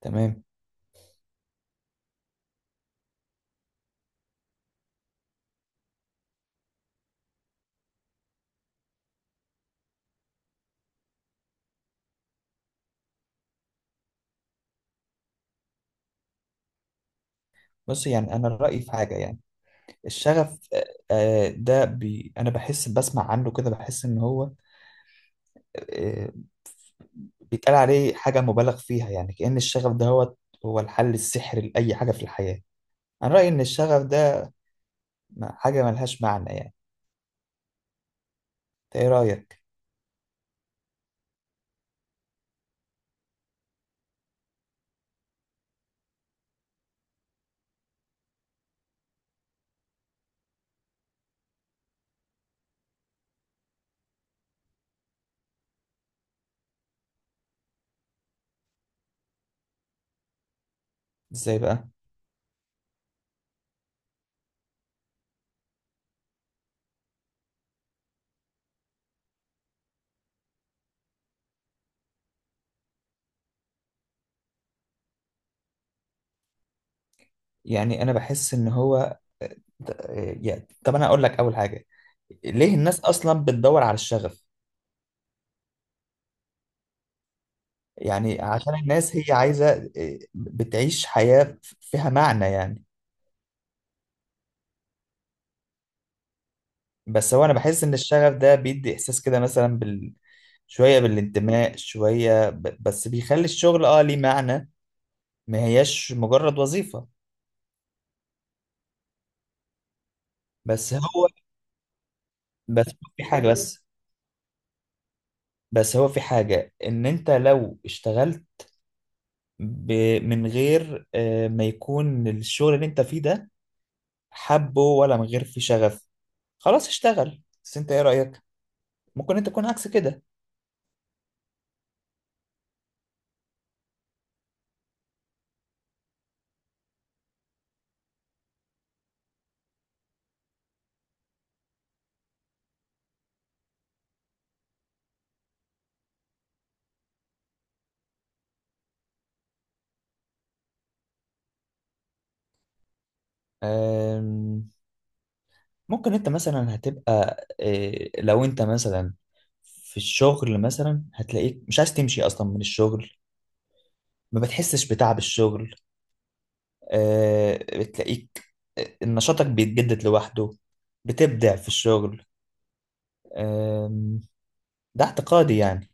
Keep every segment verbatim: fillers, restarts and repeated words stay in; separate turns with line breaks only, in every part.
تمام. بص، يعني انا رايي في حاجه، يعني الشغف، آه، آه، ده بي انا بحس، بسمع عنه كده، بحس ان هو آه، بيتقال عليه حاجه مبالغ فيها، يعني كأن الشغف ده هو هو الحل السحري لاي حاجه في الحياه. انا رايي ان الشغف ده م- حاجه ملهاش معنى يعني. إنت ايه رايك؟ ازاي بقى؟ يعني انا بحس ان هو ت- آه، يعني، طب انا اقول لك اول حاجه. ليه الناس اصلا بتدور على الشغف؟ يعني عشان الناس هي عايزه آه، بتعيش حياه فيها معنى يعني. بس هو انا بحس ان الشغف ده بيدي احساس كده، مثلا بال... شويه بالانتماء، شويه ب... بس بيخلي الشغل اه ليه معنى، ما هياش مجرد وظيفه. بس هو بس هو في حاجه بس بس هو في حاجه ان انت لو اشتغلت ب... من غير آه، ما يكون الشغل اللي انت فيه ده حبه، ولا من غير فيه شغف، خلاص اشتغل. بس انت ايه رايك؟ ممكن انت تكون عكس كده. آم، ممكن انت مثلا هتبقى إيه، لو انت مثلا في الشغل مثلا هتلاقيك مش عايز تمشي اصلا من الشغل، ما بتحسش بتعب الشغل، آه، بتلاقيك آه، نشاطك بيتجدد لوحده، بتبدع في الشغل. آم، ده اعتقادي يعني.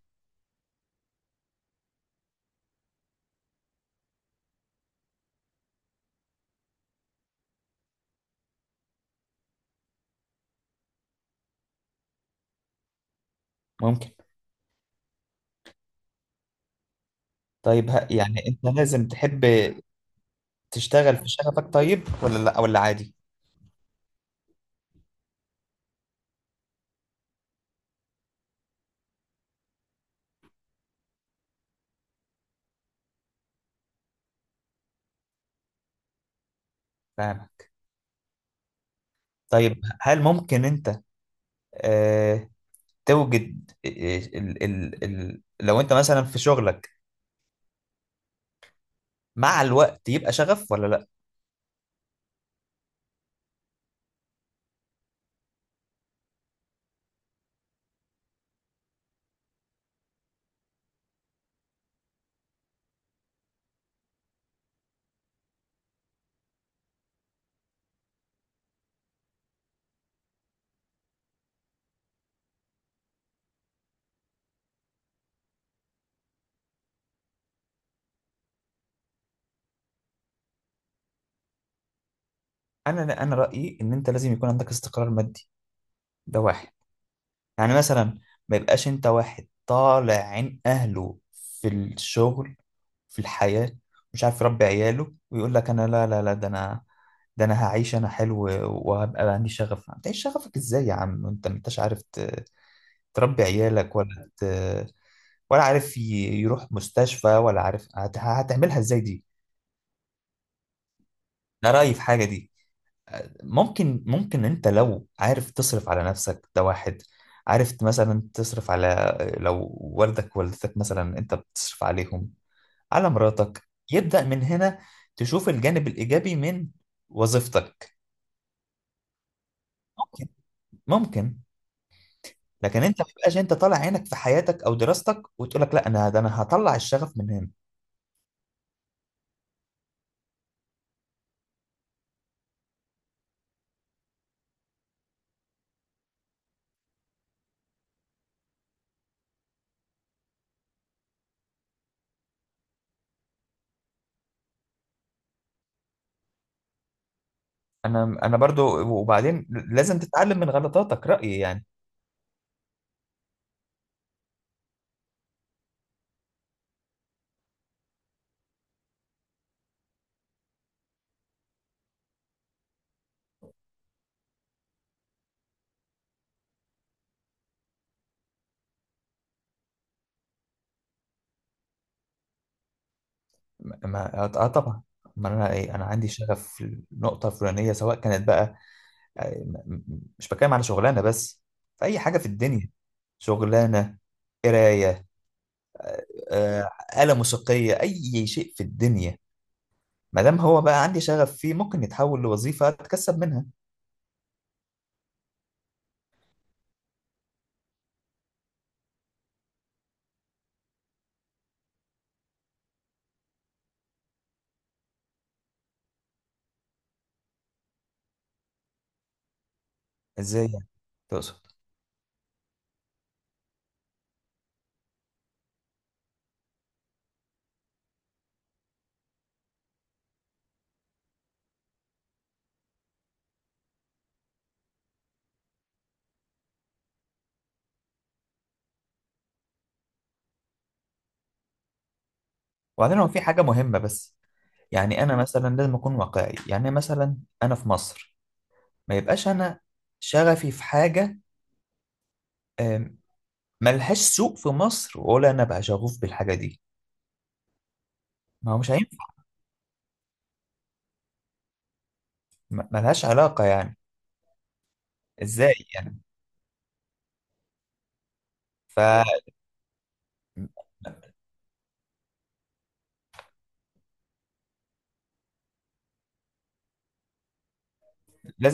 ممكن، طيب، ه- يعني انت لازم تحب تشتغل في شغفك؟ طيب ولا لا؟ ولا عادي؟ فاهمك. طيب، هل ممكن انت آه، توجد آه، ال ال ال لو انت مثلا في شغلك مع الوقت يبقى شغف ولا لا؟ انا انا رايي ان انت لازم يكون عندك استقرار مادي. ده واحد. يعني مثلا ما يبقاش انت واحد طالع عين اهله في الشغل، في الحياه، مش عارف يربي عياله، ويقول لك انا لا لا لا، ده انا، ده انا هعيش انا حلو، وهبقى عندي شغف. هتعيش شغفك ازاي يا عم انت، ما انتش عارف ت- تربي عيالك، ولا ت... ولا عارف ي- يروح مستشفى، ولا عارف هت... هتعملها ازاي دي. ده رايي في حاجه دي. ممكن ممكن انت لو عارف تصرف على نفسك، ده واحد. عارف مثلا تصرف على، لو والدك ووالدتك مثلا انت بتصرف عليهم، على مراتك، يبدأ من هنا تشوف الجانب الإيجابي من وظيفتك. ممكن ممكن. لكن انت ما تبقاش انت طالع عينك في حياتك او دراستك، وتقول لك لا انا، ده انا هطلع الشغف من هنا. انا انا برضو، وبعدين لازم تتعلم من غلطاتك، رأيي يعني. ما اه آه، طبعا، ما انا ايه انا عندي شغف في النقطه الفلانيه، سواء كانت بقى، آه، م- م- مش بتكلم على شغلانه بس، في اي حاجه في الدنيا، شغلانه، قرايه، آه، آه، آلة موسيقيه، اي شيء في الدنيا، ما دام هو بقى عندي شغف فيه ممكن يتحول لوظيفه اتكسب منها. ازاي يعني؟ تقصد؟ وبعدين هو في حاجه مهمه، بس يعني انا مثلا لازم اكون واقعي. يعني مثلا انا في مصر، ما يبقاش انا شغفي في حاجه ملهاش سوق في مصر، ولا انا بقى شغوف بالحاجه دي. ما هو مش هينفع، م- ملهاش علاقه يعني. ازاي يعني؟ فلازم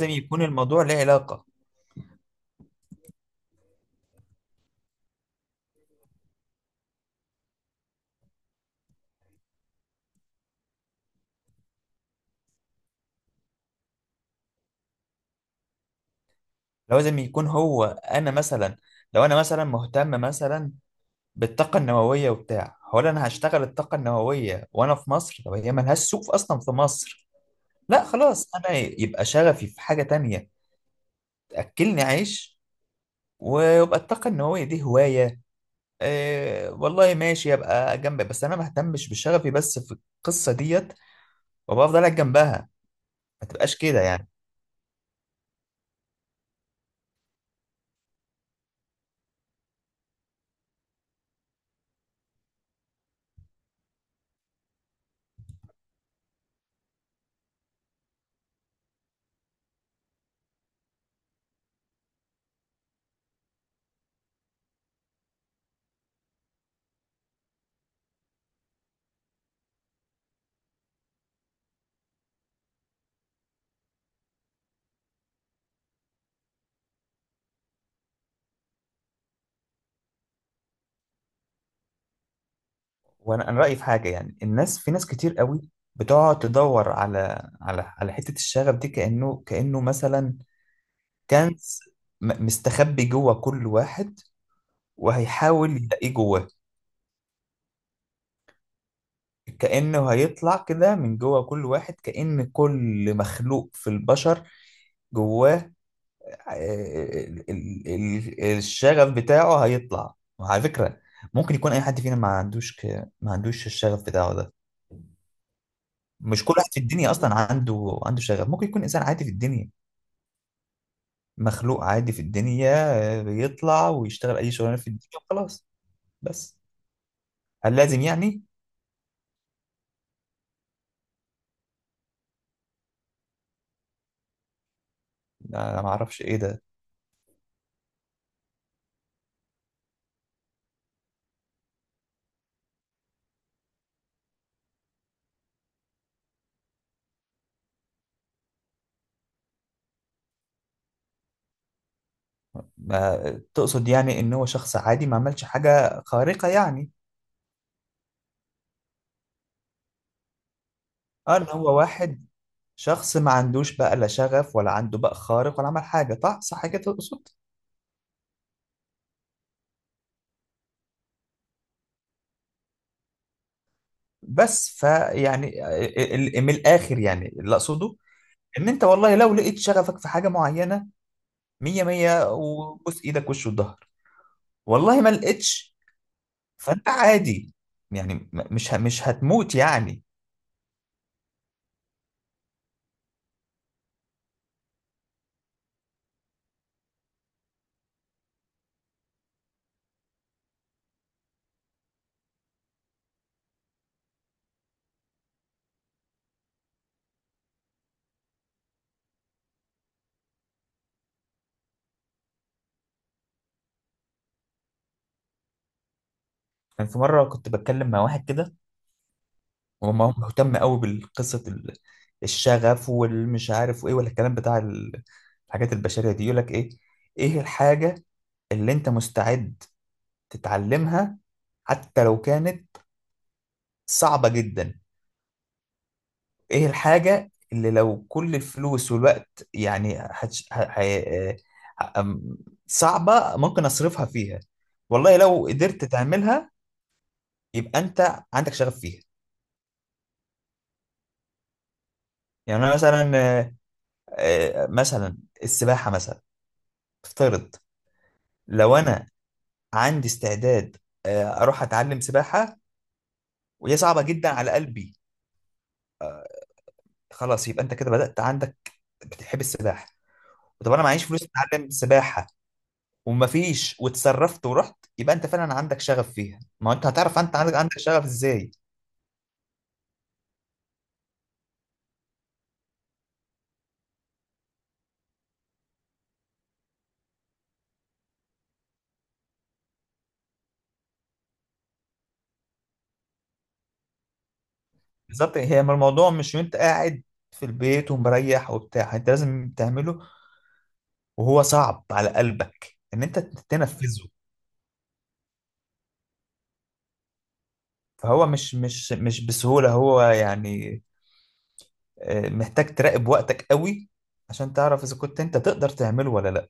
يكون الموضوع له علاقه. لازم يكون هو، انا مثلا لو انا مثلا مهتم مثلا بالطاقه النوويه وبتاع، هو انا هشتغل الطاقه النوويه وانا في مصر، طب هي ملهاش سوق في- اصلا في مصر. لا خلاص، انا يبقى شغفي في حاجه تانية تاكلني عيش، ويبقى الطاقه النوويه دي هوايه. إيه والله، ماشي، ابقى جنبك، بس انا ما اهتمش بشغفي بس في القصه ديت، وابقى افضل قاعد جنبها. ما تبقاش كده يعني. وانا انا رايي في حاجه يعني، الناس، في ناس كتير قوي بتقعد تدور على على على حته الشغف دي، كانه كانه مثلا كنز م- مستخبي جوه كل واحد، وهيحاول يلاقيه جواه، كانه هيطلع كده من جوه كل واحد، كأن كل مخلوق في البشر جواه آه، آه، آه، ال- ال- ال- الشغف بتاعه هيطلع. وعلى فكرة، ممكن يكون اي حد فينا ما عندوش ك... ما عندوش الشغف بتاعه ده. مش كل واحد في الدنيا اصلا عنده عنده شغف، ممكن يكون انسان عادي في الدنيا، مخلوق عادي في الدنيا، آه، بيطلع ويشتغل اي شغلانة في الدنيا وخلاص. بس هل لازم يعني. انا ما اعرفش ايه ده. ما... تقصد يعني ان هو شخص عادي ما عملش حاجة خارقة يعني؟ اه، اللي هو واحد، شخص ما عندوش بقى لا شغف، ولا عنده بقى خارق، ولا عمل حاجة طه، صح كده تقصد. بس فيعني ال- ال- من الآخر يعني اللي أقصده، إن أنت والله لو لقيت شغفك في حاجة معينة، مية مية وبوس إيدك وش وظهر. والله ما لقيتش، فأنت عادي يعني، م- مش ه- مش هتموت يعني. كان في مرة كنت بتكلم مع واحد كده، وما هو مهتم قوي بالقصة ال- الشغف والمش عارف وايه، ولا الكلام بتاع ال- الحاجات البشرية دي. يقولك ايه؟ ايه الحاجة اللي انت مستعد تتعلمها حتى لو كانت صعبة جدا؟ ايه الحاجة اللي لو كل الفلوس والوقت يعني هتش... ه... ه... ه... أم- صعبة ممكن اصرفها فيها؟ والله لو قدرت تعملها يبقى انت عندك شغف فيها. يعني انا مثلا آه، آه، مثلا السباحة مثلا، افترض، لو انا عندي استعداد آه، اروح اتعلم سباحه وهي صعبه جدا على قلبي، خلاص يبقى انت كده بدات عندك بتحب السباحه. طب انا معيش فلوس اتعلم سباحه ومفيش، وتصرفت ورحت، يبقى انت فعلا عندك شغف فيها. ما هو انت هتعرف انت عندك عندك شغف ازاي. بالظبط. هي ما الموضوع مش وانت قاعد في البيت ومريح وبتاع، انت لازم تعمله وهو صعب على قلبك ان انت تنفذه. فهو مش مش مش بسهوله هو، يعني آه، محتاج تراقب وقتك قوي عشان تعرف اذا كنت انت تقدر تعمله ولا لا.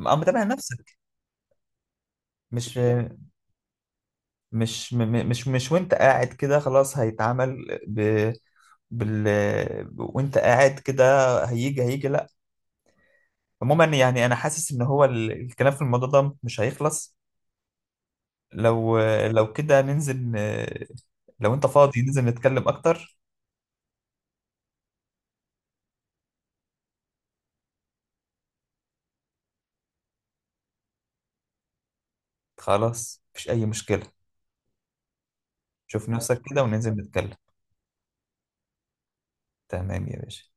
ابقى متابع نفسك. مش مش م- م- مش مش وانت قاعد كده خلاص هيتعمل ب بال وانت قاعد كده هيجي هيجي لا. عموما يعني انا حاسس ان هو ال- الكلام في الموضوع ده مش هيخلص. لو لو كده ننزل، آه، لو انت فاضي ننزل نتكلم اكتر. خلاص مفيش اي مشكلة. شوف نفسك كده وننزل نتكلم. تمام يا باشا.